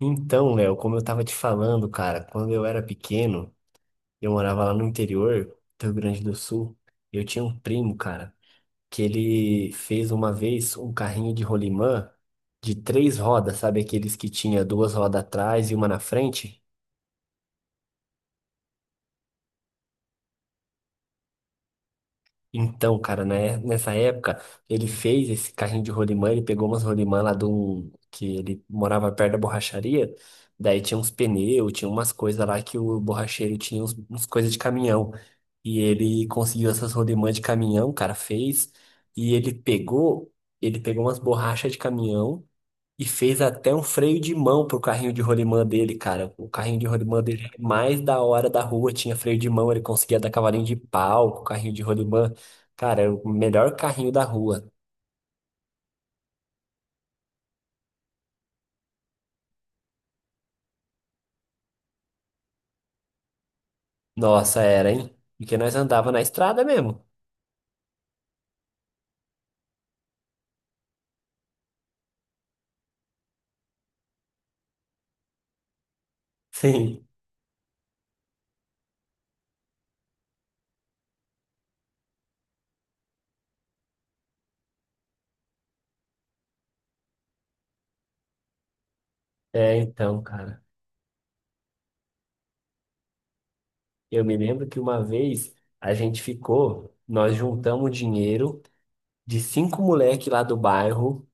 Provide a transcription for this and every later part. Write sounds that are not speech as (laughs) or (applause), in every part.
Então, Léo, como eu tava te falando, cara, quando eu era pequeno, eu morava lá no interior do Rio Grande do Sul. Eu tinha um primo, cara, que ele fez uma vez um carrinho de rolimã de três rodas, sabe? Aqueles que tinha duas rodas atrás e uma na frente. Então, cara, né, nessa época, ele fez esse carrinho de rolimã, ele pegou umas rolimã lá do... que ele morava perto da borracharia, daí tinha uns pneus, tinha umas coisas lá que o borracheiro tinha uns coisas de caminhão. E ele conseguiu essas rolimã de caminhão, cara, fez, e ele pegou umas borrachas de caminhão, e fez até um freio de mão pro carrinho de rolimã dele, cara. O carrinho de rolimã dele era mais da hora da rua, tinha freio de mão, ele conseguia dar cavalinho de pau com o carrinho de rolimã. Cara, era o melhor carrinho da rua. Nossa, era, hein? Porque nós andava na estrada mesmo. (laughs) Sim. É, então, cara. Eu me lembro que uma vez a gente ficou, nós juntamos dinheiro de cinco moleque lá do bairro.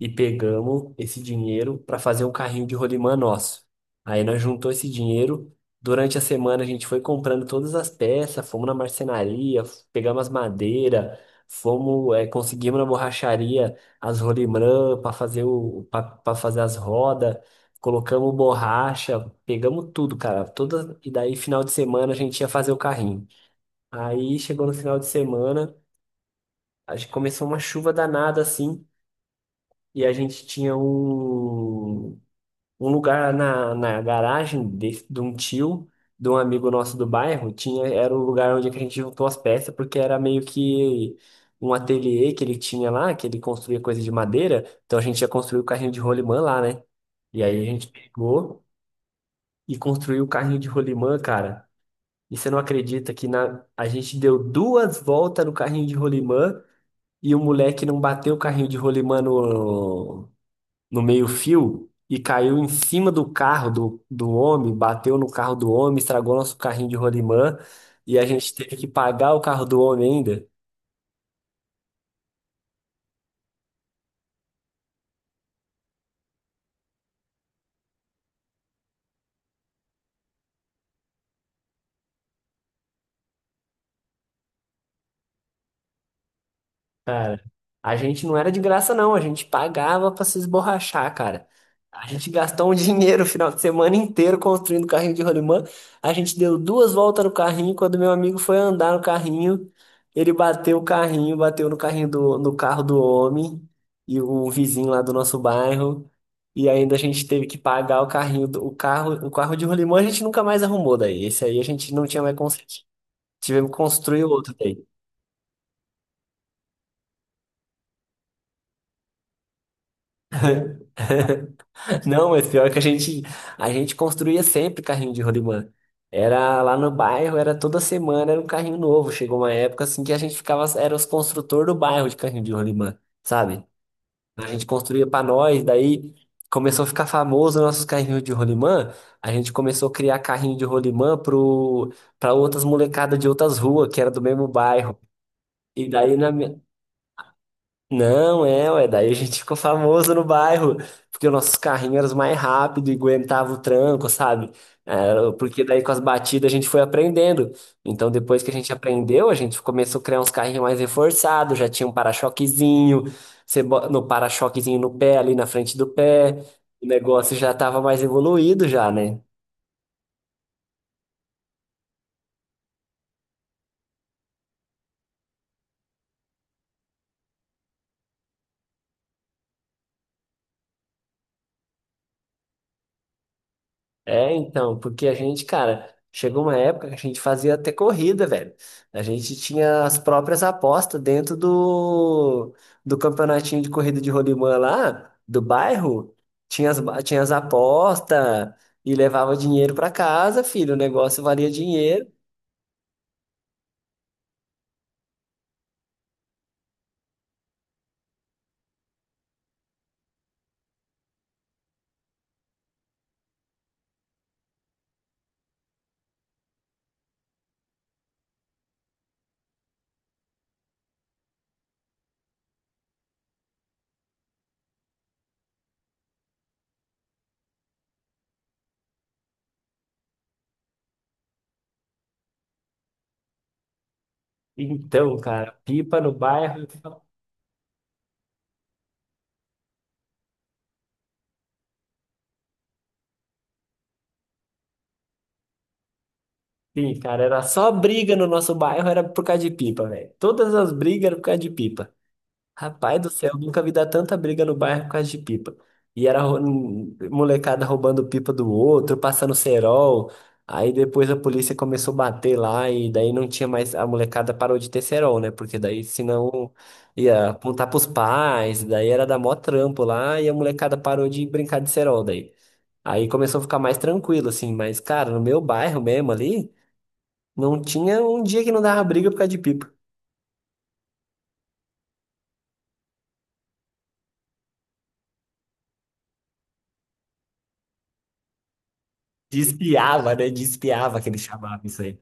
E pegamos esse dinheiro para fazer um carrinho de rolimã nosso. Aí nós juntou esse dinheiro. Durante a semana a gente foi comprando todas as peças, fomos na marcenaria, pegamos as madeiras, fomos, conseguimos na borracharia as rolimã para fazer o para fazer as rodas, colocamos borracha, pegamos tudo, cara. Toda, e daí final de semana a gente ia fazer o carrinho. Aí chegou no final de semana, a gente começou uma chuva danada assim. E a gente tinha um lugar na garagem de um tio, de um amigo nosso do bairro, tinha, era o lugar onde que a gente juntou as peças, porque era meio que um ateliê que ele tinha lá, que ele construía coisa de madeira, então a gente ia construir o carrinho de rolimã lá, né? E aí a gente pegou e construiu o carrinho de rolimã, cara. E você não acredita que na, a gente deu duas voltas no carrinho de rolimã e o moleque não bateu o carrinho de rolimã no meio-fio e caiu em cima do carro do homem, bateu no carro do homem, estragou nosso carrinho de rolimã e a gente teve que pagar o carro do homem ainda. Cara, a gente não era de graça, não. A gente pagava pra se esborrachar, cara. A gente gastou um (laughs) dinheiro o final de semana inteiro construindo carrinho de rolimã. A gente deu duas voltas no carrinho. Quando meu amigo foi andar no carrinho, ele bateu o carrinho, bateu no carrinho do, no carro do homem e o vizinho lá do nosso bairro. E ainda a gente teve que pagar o carrinho, do, o carro de rolimã a gente nunca mais arrumou daí. Esse aí a gente não tinha mais conseguido. Tivemos que construir outro daí. Não, mas pior que a gente construía sempre carrinho de rolimã. Era lá no bairro, era toda semana, era um carrinho novo. Chegou uma época assim que a gente ficava, era os construtores do bairro de carrinho de rolimã, sabe? A gente construía pra nós, daí começou a ficar famoso nossos carrinhos de rolimã. A gente começou a criar carrinho de rolimã pro, pra outras molecadas de outras ruas, que era do mesmo bairro. E daí na, não, é, ué, daí a gente ficou famoso no bairro, porque os nossos carrinhos eram os mais rápidos e aguentava o tranco, sabe? É, porque daí com as batidas a gente foi aprendendo. Então depois que a gente aprendeu, a gente começou a criar uns carrinhos mais reforçados, já tinha um para-choquezinho, você no para-choquezinho no pé, ali na frente do pé, o negócio já estava mais evoluído já, né? É, então, porque a gente, cara, chegou uma época que a gente fazia até corrida, velho. A gente tinha as próprias apostas dentro do campeonatinho de corrida de rolimã lá, do bairro. Tinha as, tinha as apostas e levava dinheiro pra casa, filho. O negócio valia dinheiro. Então, cara, pipa no bairro. Sim, cara, era só briga no nosso bairro, era por causa de pipa, velho. Todas as brigas eram por causa de pipa. Rapaz do céu, nunca vi dar tanta briga no bairro por causa de pipa. E era molecada roubando pipa do outro, passando cerol. Aí depois a polícia começou a bater lá e daí não tinha mais. A molecada parou de ter cerol, né? Porque daí senão ia apontar pros pais, daí era dar mó trampo lá e a molecada parou de brincar de cerol daí. Aí começou a ficar mais tranquilo, assim. Mas, cara, no meu bairro mesmo ali, não tinha um dia que não dava briga por causa de pipa. Despiava, né? Despiava que eles chamavam isso aí.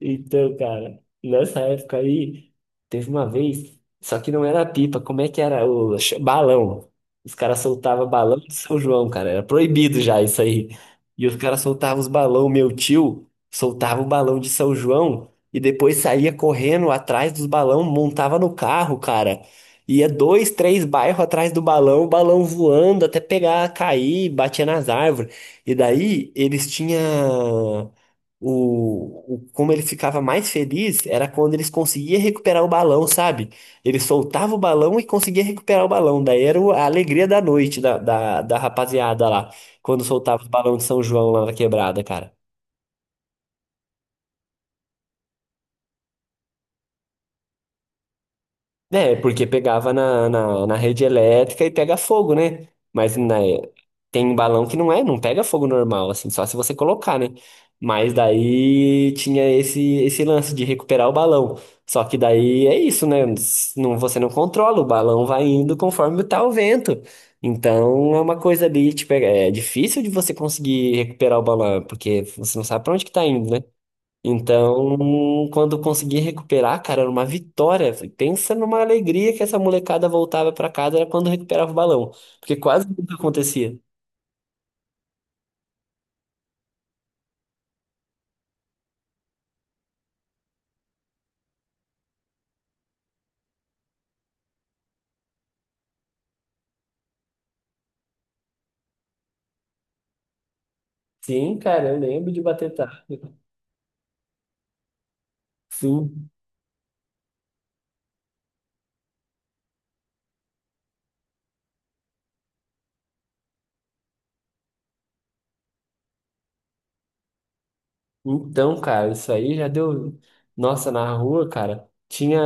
Então, cara, nessa época aí, teve uma vez, só que não era pipa, como é que era? O balão. Os caras soltavam balão de São João, cara, era proibido já isso aí. E os caras soltavam os balão, meu tio soltava o balão de São João e depois saía correndo atrás dos balão, montava no carro, cara. Ia dois, três bairros atrás do balão, o balão voando até pegar, cair, batia nas árvores. E daí eles tinham. Como ele ficava mais feliz era quando eles conseguiam recuperar o balão, sabe? Ele soltava o balão e conseguia recuperar o balão. Daí era a alegria da noite da rapaziada lá, quando soltava os balões de São João lá na quebrada, cara. É, porque pegava na rede elétrica e pega fogo, né? Mas na, tem balão que não é, não pega fogo normal, assim, só se você colocar, né? Mas daí tinha esse lance de recuperar o balão. Só que daí é isso, né? Não, você não controla, o balão vai indo conforme tá o vento. Então é uma coisa ali, tipo, é difícil de você conseguir recuperar o balão, porque você não sabe pra onde que tá indo, né? Então, quando eu consegui recuperar, cara, era uma vitória. Pensa numa alegria que essa molecada voltava pra casa era quando recuperava o balão, porque quase nunca acontecia. Sim, cara, eu lembro de bater tarde. Sim. Então, cara, isso aí já deu. Nossa, na rua, cara, tinha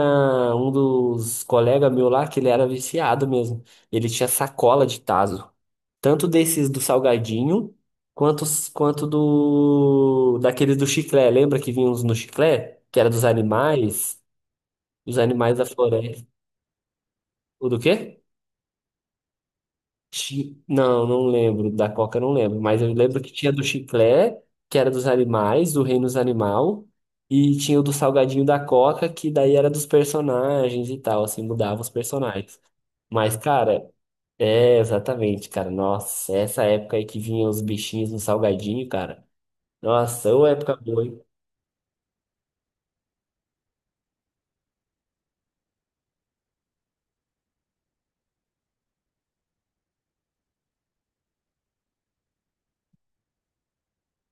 um dos colegas meu lá que ele era viciado mesmo. Ele tinha sacola de tazo. Tanto desses do salgadinho, quanto, quanto do daqueles do chiclé. Lembra que vinha uns no chiclé? Que era dos animais, os animais da floresta. O do quê? Não, não lembro. Da Coca eu não lembro. Mas eu lembro que tinha do chiclé, que era dos animais, do reino dos animal. E tinha o do salgadinho da Coca, que daí era dos personagens e tal, assim, mudava os personagens. Mas, cara, é exatamente, cara. Nossa, essa época aí que vinha os bichinhos no salgadinho, cara. Nossa, ô época boa, hein?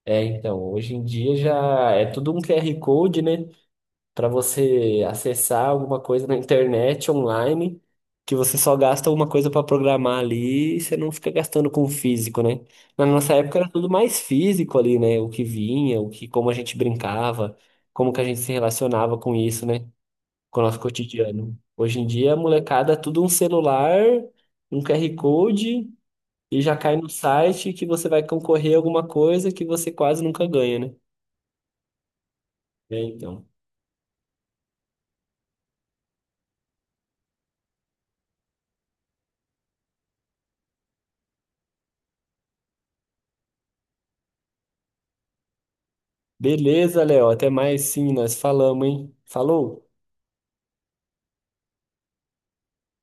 É, então, hoje em dia já é tudo um QR Code, né? Para você acessar alguma coisa na internet, online, que você só gasta uma coisa para programar ali e você não fica gastando com o físico, né? Na nossa época era tudo mais físico ali, né? O que vinha, o que, como a gente brincava, como que a gente se relacionava com isso, né? Com o nosso cotidiano. Hoje em dia, a molecada, é tudo um celular, um QR Code. E já cai no site que você vai concorrer a alguma coisa que você quase nunca ganha, né? É, então. Beleza, Léo. Até mais sim, nós falamos, hein? Falou!